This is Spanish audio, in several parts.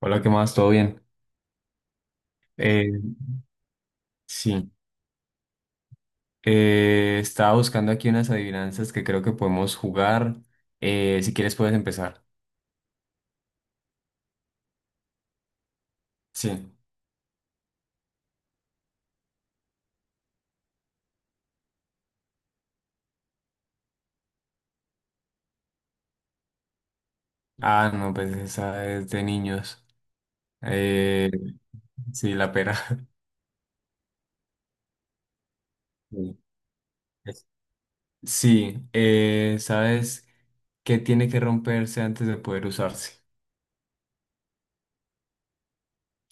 Hola, ¿qué más? ¿Todo bien? Eh, sí, estaba buscando aquí unas adivinanzas que creo que podemos jugar. Si quieres puedes empezar. Sí. Ah, no, pues esa es de niños. Eh, sí, la pera. Sí, es- Sí, ¿sabes qué tiene que romperse antes de poder usarse?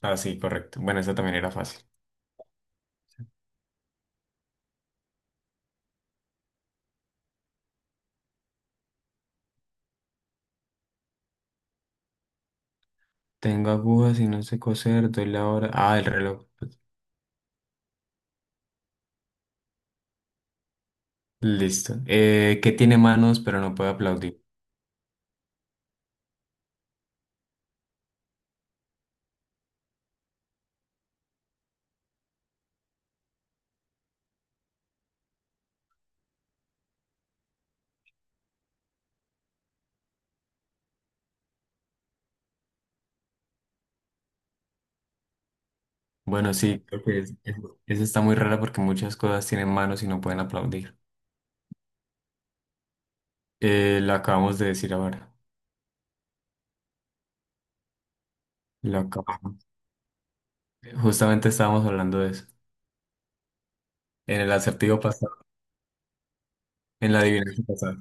Ah, sí, correcto. Bueno, esa también era fácil. Tengo agujas y no sé coser, doy la hora. Ah, el reloj. Listo. ¿Qué tiene manos pero no puede aplaudir? Bueno, sí, creo que esa está muy rara porque muchas cosas tienen manos y no pueden aplaudir. Lo acabamos de decir ahora. Lo acabamos. Justamente estábamos hablando de eso. En el acertijo pasado, en la adivinanza pasada.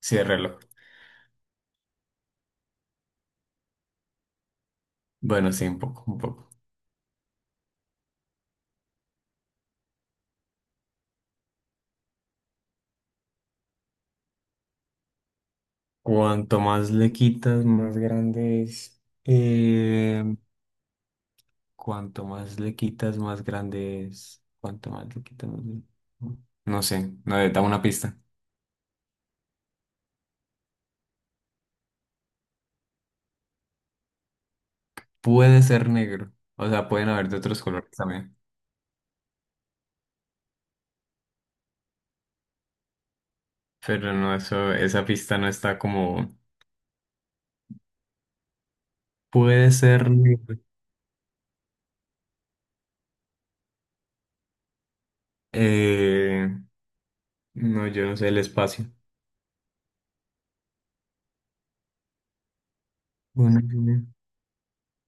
Sí, el reloj. Bueno, sí, un poco, un poco. Cuanto más le quitas, más grande es. Cuanto más le quitas, más grande es. Cuanto más le quitas, más grande... No sé, no, da una pista. Puede ser negro. O sea, pueden haber de otros colores también. Pero no, eso, esa pista no está como... Puede ser... eh, no, yo no sé, el espacio. Bueno, bueno.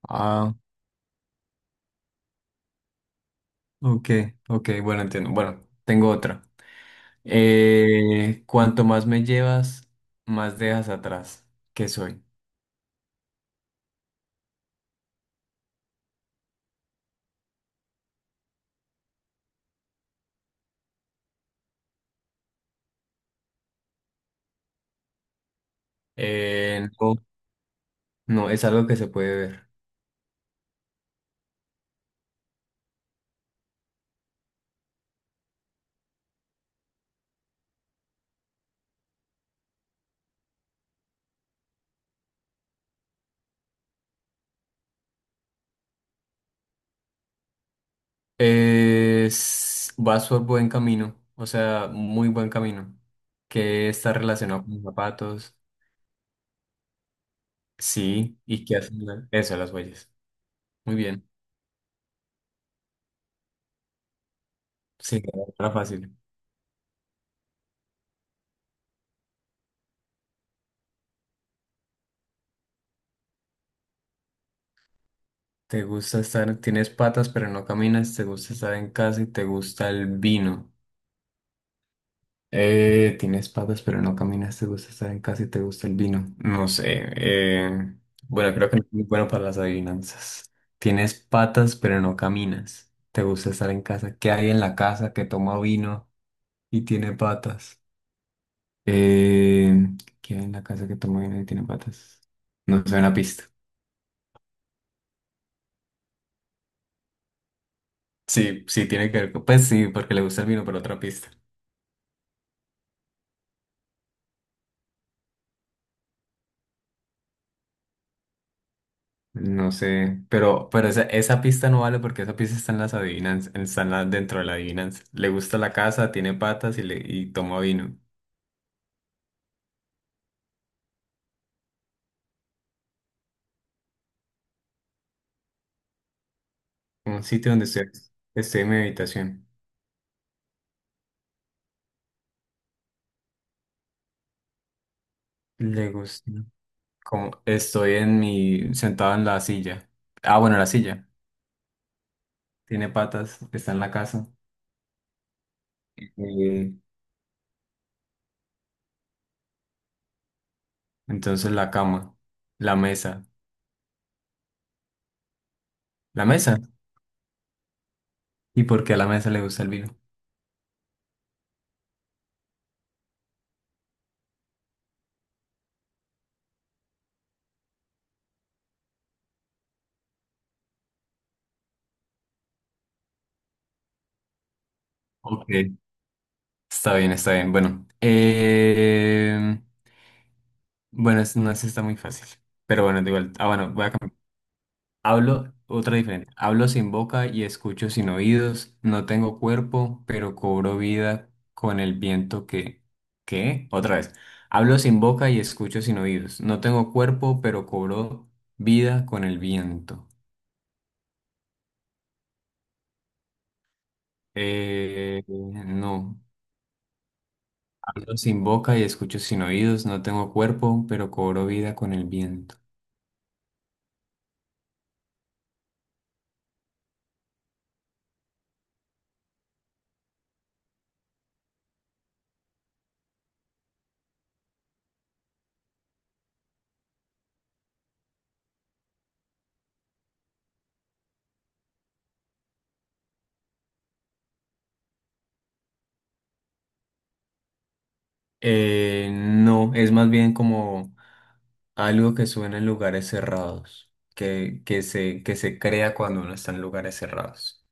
Ah, ok, ok, bueno, entiendo. Bueno, tengo otra. Cuanto más me llevas, más dejas atrás. ¿Qué soy? No, no, es algo que se puede ver. Vas por buen camino, o sea, muy buen camino, que está relacionado con zapatos. Sí, ¿y qué hacen? Eso, las huellas. Muy bien. Sí, era fácil. ¿Te gusta estar, tienes patas pero no caminas, te gusta estar en casa y te gusta el vino? Tienes patas pero no caminas, te gusta estar en casa y te gusta el vino. No sé. Bueno, creo que no es muy bueno para las adivinanzas. Tienes patas pero no caminas, te gusta estar en casa. ¿Qué hay en la casa que toma vino y tiene patas? Eh, ¿Qué hay en la casa que toma vino y tiene patas? No sé, una pista. Sí, sí, tiene que ver. Pues sí, porque le gusta el vino, pero otra pista. No sé, pero esa pista no vale porque esa pista está en las adivinanzas, está en dentro de la adivinanza. Le gusta la casa, tiene patas y, le, y toma vino. Un sitio donde estoy, estoy en mi habitación. Le gusta. Como estoy en mi, sentado en la silla. Ah, bueno, la silla. Tiene patas, está en la casa. Eh, entonces la cama, la mesa. ¿La mesa? ¿Y por qué a la mesa le gusta el vino? Ok. Está bien, está bien. Bueno, bueno, no es está muy fácil. Pero bueno, da igual. Ah, bueno, voy a cambiar. Hablo, otra diferente. Hablo sin boca y escucho sin oídos. No tengo cuerpo, pero cobro vida con el viento que... ¿Qué? Otra vez. Hablo sin boca y escucho sin oídos. No tengo cuerpo, pero cobro vida con el viento. No. Hablo sin boca y escucho sin oídos. No tengo cuerpo, pero cobro vida con el viento. No, es más bien como algo que suena en lugares cerrados, que, que se crea cuando uno está en lugares cerrados.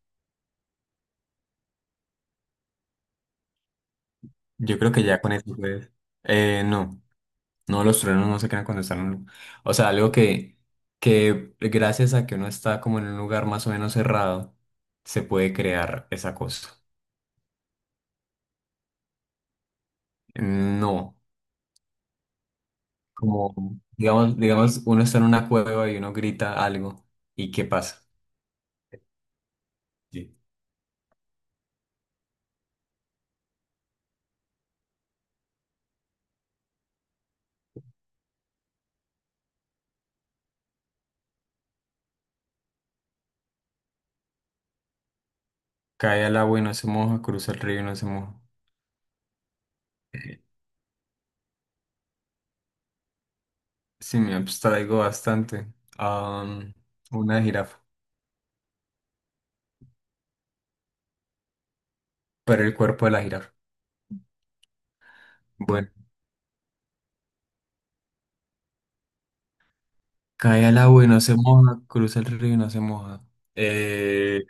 Yo creo que ya con eso puedes. No, no, los truenos no se crean cuando están en un... O sea, algo que gracias a que uno está como en un lugar más o menos cerrado, se puede crear esa cosa. No, como, digamos, digamos, uno está en una cueva y uno grita algo, ¿y qué pasa? Cae al agua y no se moja, cruza el río y no se moja. Sí, me abstraigo bastante. Am, una jirafa, pero el cuerpo de la jirafa. Bueno, cae al agua y no se moja, cruza el río y no se moja. Eh,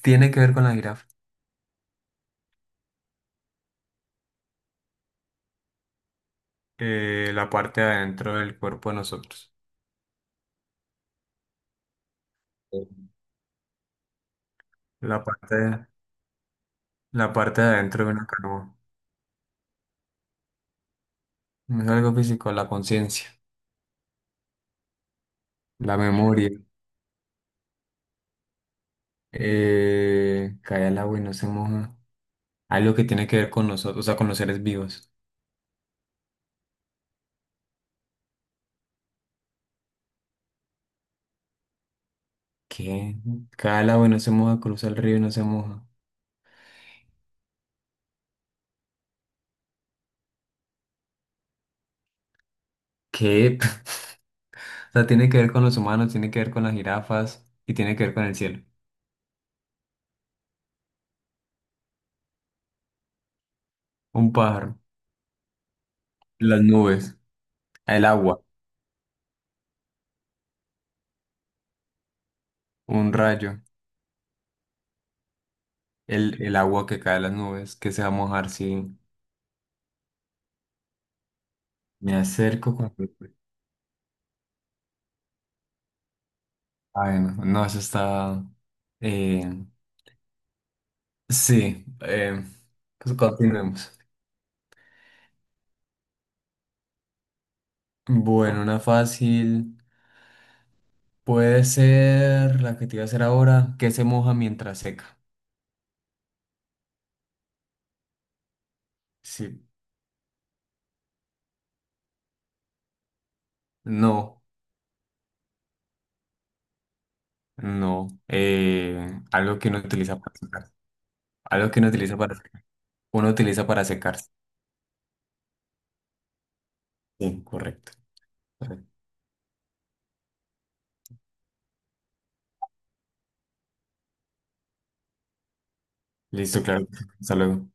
Tiene que ver con la jirafa. La parte de adentro del cuerpo de nosotros. Eh, La parte de, la parte de adentro de una canoa. No es algo físico, la conciencia, la memoria. Cae al agua y no se moja. Algo que tiene que ver con nosotros, o sea, con los seres vivos. ¿Qué? Cada agua y no se moja, cruza el río y no se moja. ¿Qué? O sea, tiene que ver con los humanos, tiene que ver con las jirafas y tiene que ver con el cielo. Un pájaro, las nubes, el agua, un rayo, el agua que cae de las nubes, que se va a mojar si me acerco con... Ay, no, no, eso está... eh, sí, pues continuemos. Bueno, una fácil puede ser la que te iba a hacer ahora, que se moja mientras seca. Sí, no, no. Algo que uno utiliza para secarse. Algo que uno utiliza para secarse. Uno utiliza para secarse. Sí, correcto. Correcto. Listo, claro. Hasta luego.